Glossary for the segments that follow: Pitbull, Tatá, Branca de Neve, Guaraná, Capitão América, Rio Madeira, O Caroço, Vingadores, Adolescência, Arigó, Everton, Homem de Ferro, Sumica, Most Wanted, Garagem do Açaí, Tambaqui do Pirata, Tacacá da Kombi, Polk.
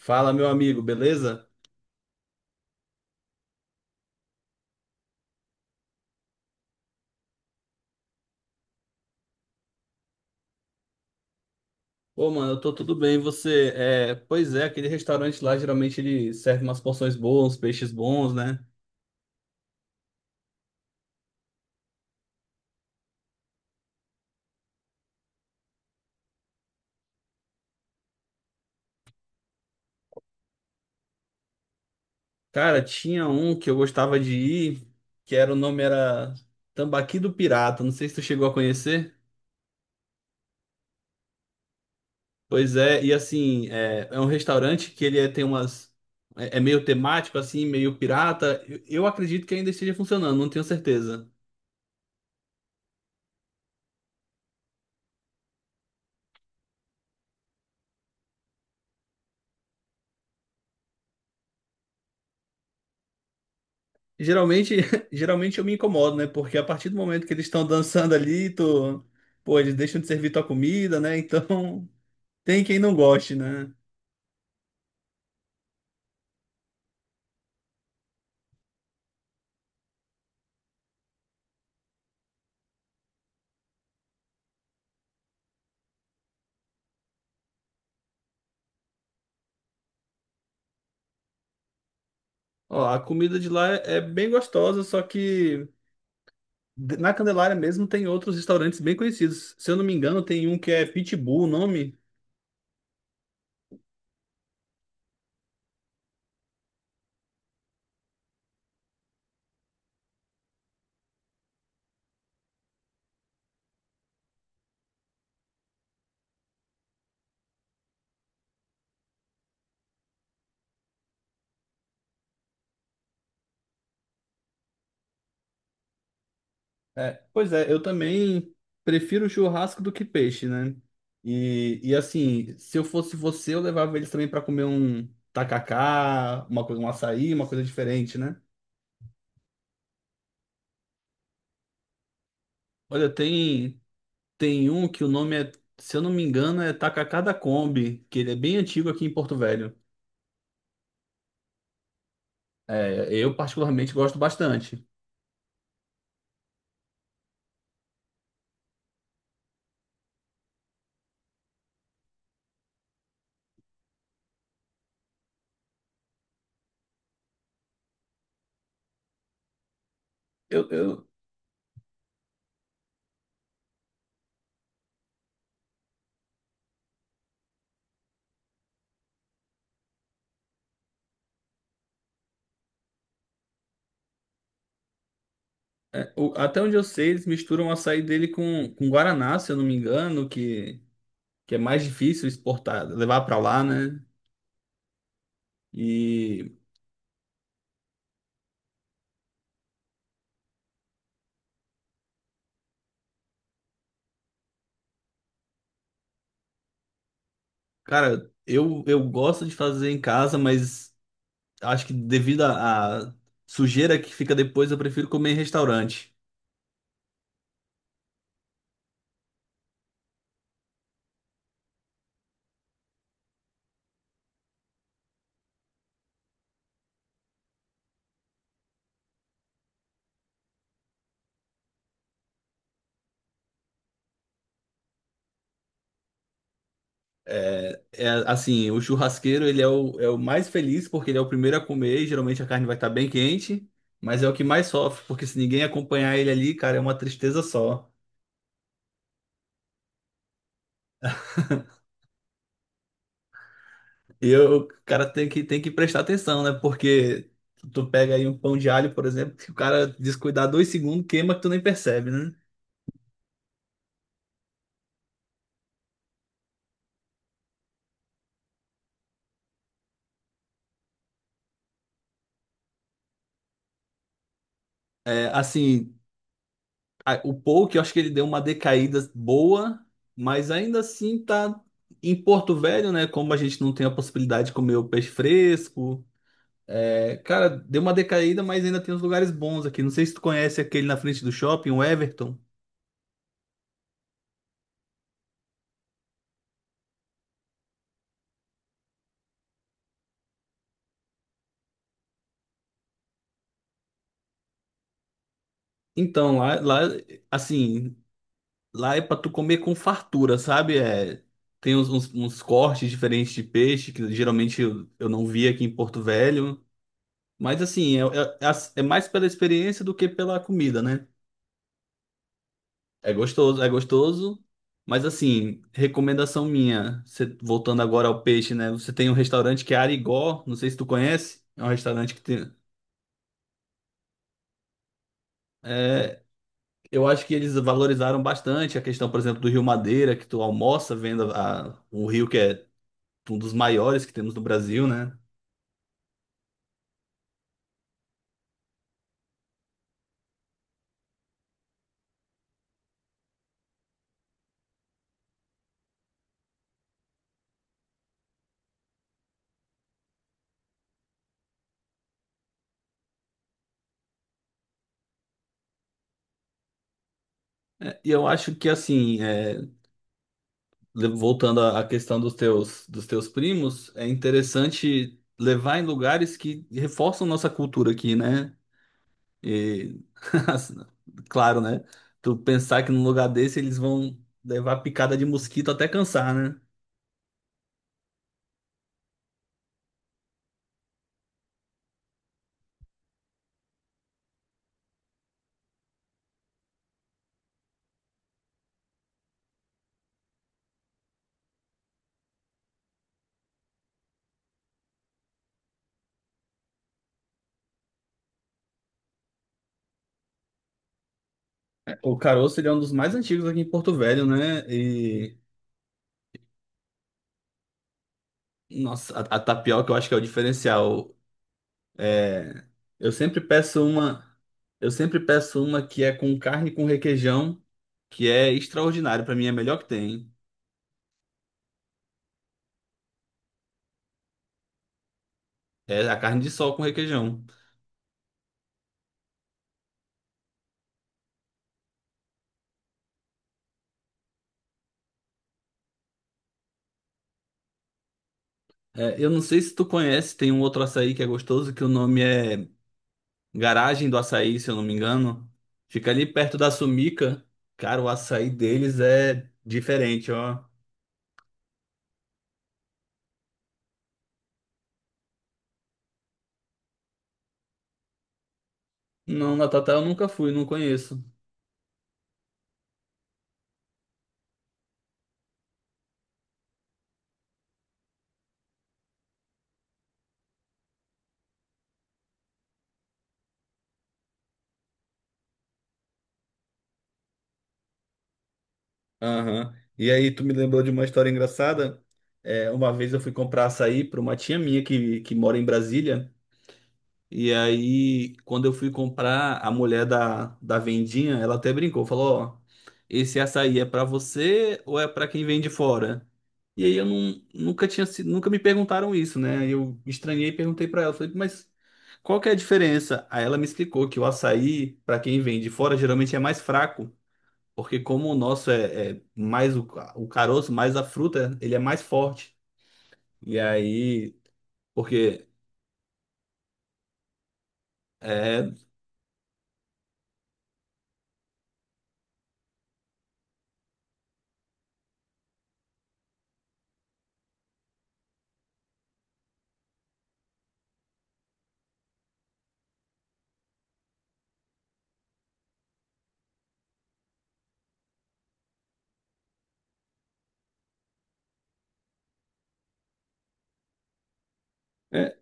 Fala, meu amigo, beleza? Ô, mano, eu tô tudo bem, e você? Pois é, aquele restaurante lá, geralmente ele serve umas porções boas, uns peixes bons, né? Cara, tinha um que eu gostava de ir, que era, o nome era Tambaqui do Pirata, não sei se tu chegou a conhecer. Pois é, e assim, é um restaurante que tem umas... É, é meio temático, assim, meio pirata. Eu acredito que ainda esteja funcionando, não tenho certeza. Geralmente, geralmente eu me incomodo, né? Porque a partir do momento que eles estão dançando ali, tu... pô, eles deixam de servir tua comida, né? Então, tem quem não goste, né? Ó, a comida de lá é bem gostosa, só que na Candelária mesmo tem outros restaurantes bem conhecidos. Se eu não me engano, tem um que é Pitbull, o nome. É, pois é, eu também prefiro churrasco do que peixe, né? E assim, se eu fosse você, eu levava eles também para comer um tacacá, uma coisa, um açaí, uma coisa diferente, né? Olha, tem, tem um que o nome é, se eu não me engano, é Tacacá da Kombi, que ele é bem antigo aqui em Porto Velho. É, eu particularmente gosto bastante. Eu, eu, o- até onde eu sei, eles misturam o açaí dele com Guaraná, se eu não me engano, que é mais difícil exportar, levar pra lá, né? E, cara, eu gosto de fazer em casa, mas acho que devido à sujeira que fica depois, eu prefiro comer em restaurante. É, é, assim, o churrasqueiro ele é o mais feliz porque ele é o primeiro a comer, e geralmente a carne vai estar bem quente, mas é o que mais sofre, porque se ninguém acompanhar ele ali, cara, é uma tristeza só. O cara tem que prestar atenção, né? Porque tu pega aí um pão de alho, por exemplo, que o cara descuidar dois segundos, queima que tu nem percebe, né? É, assim, o Polk, eu acho que ele deu uma decaída boa, mas ainda assim tá em Porto Velho, né? Como a gente não tem a possibilidade de comer o peixe fresco. É, cara, deu uma decaída, mas ainda tem uns lugares bons aqui. Não sei se tu conhece aquele na frente do shopping, o Everton. Então, lá, assim, lá é pra tu comer com fartura, sabe? É, tem uns, uns cortes diferentes de peixe que geralmente eu não vi aqui em Porto Velho. Mas, assim, é mais pela experiência do que pela comida, né? É gostoso, é gostoso. Mas, assim, recomendação minha, voltando agora ao peixe, né? Você tem um restaurante que é Arigó, não sei se tu conhece. É um restaurante que tem. É, eu acho que eles valorizaram bastante a questão, por exemplo, do Rio Madeira, que tu almoça vendo a, o rio que é um dos maiores que temos no Brasil, né? É, e eu acho que assim, voltando à questão dos teus primos, é interessante levar em lugares que reforçam nossa cultura aqui, né? E, assim, claro, né? Tu pensar que num lugar desse eles vão levar picada de mosquito até cansar, né? O caroço, ele é um dos mais antigos aqui em Porto Velho, né? Nossa, a tapioca eu acho que é o diferencial. É, eu sempre peço uma, eu sempre peço uma que é com carne com requeijão, que é extraordinário, pra mim é a melhor que tem. É a carne de sol com requeijão. É, eu não sei se tu conhece, tem um outro açaí que é gostoso, que o nome é Garagem do Açaí, se eu não me engano. Fica ali perto da Sumica. Cara, o açaí deles é diferente, ó. Não, na Tatá eu nunca fui, não conheço. Aham. E aí, tu me lembrou de uma história engraçada? É, uma vez eu fui comprar açaí para uma tia minha que mora em Brasília. E aí, quando eu fui comprar, a mulher da vendinha, ela até brincou, falou, ó, esse açaí é para você ou é para quem vem de fora? E aí eu não, nunca tinha sido, nunca me perguntaram isso, né? Aí eu estranhei e perguntei para ela, falei, mas qual que é a diferença? Aí ela me explicou que o açaí, para quem vem de fora, geralmente é mais fraco. Porque como o nosso é, é mais o caroço, mais a fruta, ele é mais forte. E aí, porque é, é-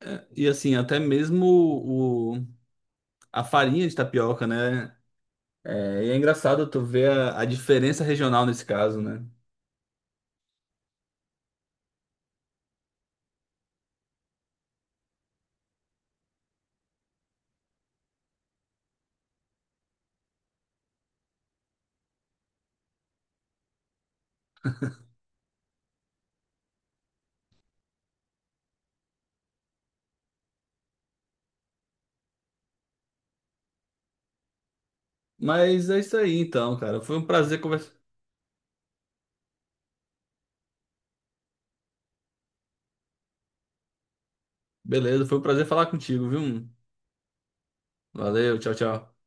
é- e assim, até mesmo a farinha de tapioca, né? É, e é engraçado tu ver a diferença regional nesse caso, né? Mas é isso aí então, cara. Foi um prazer conversar. Beleza, foi um prazer falar contigo, viu? Valeu, tchau, tchau.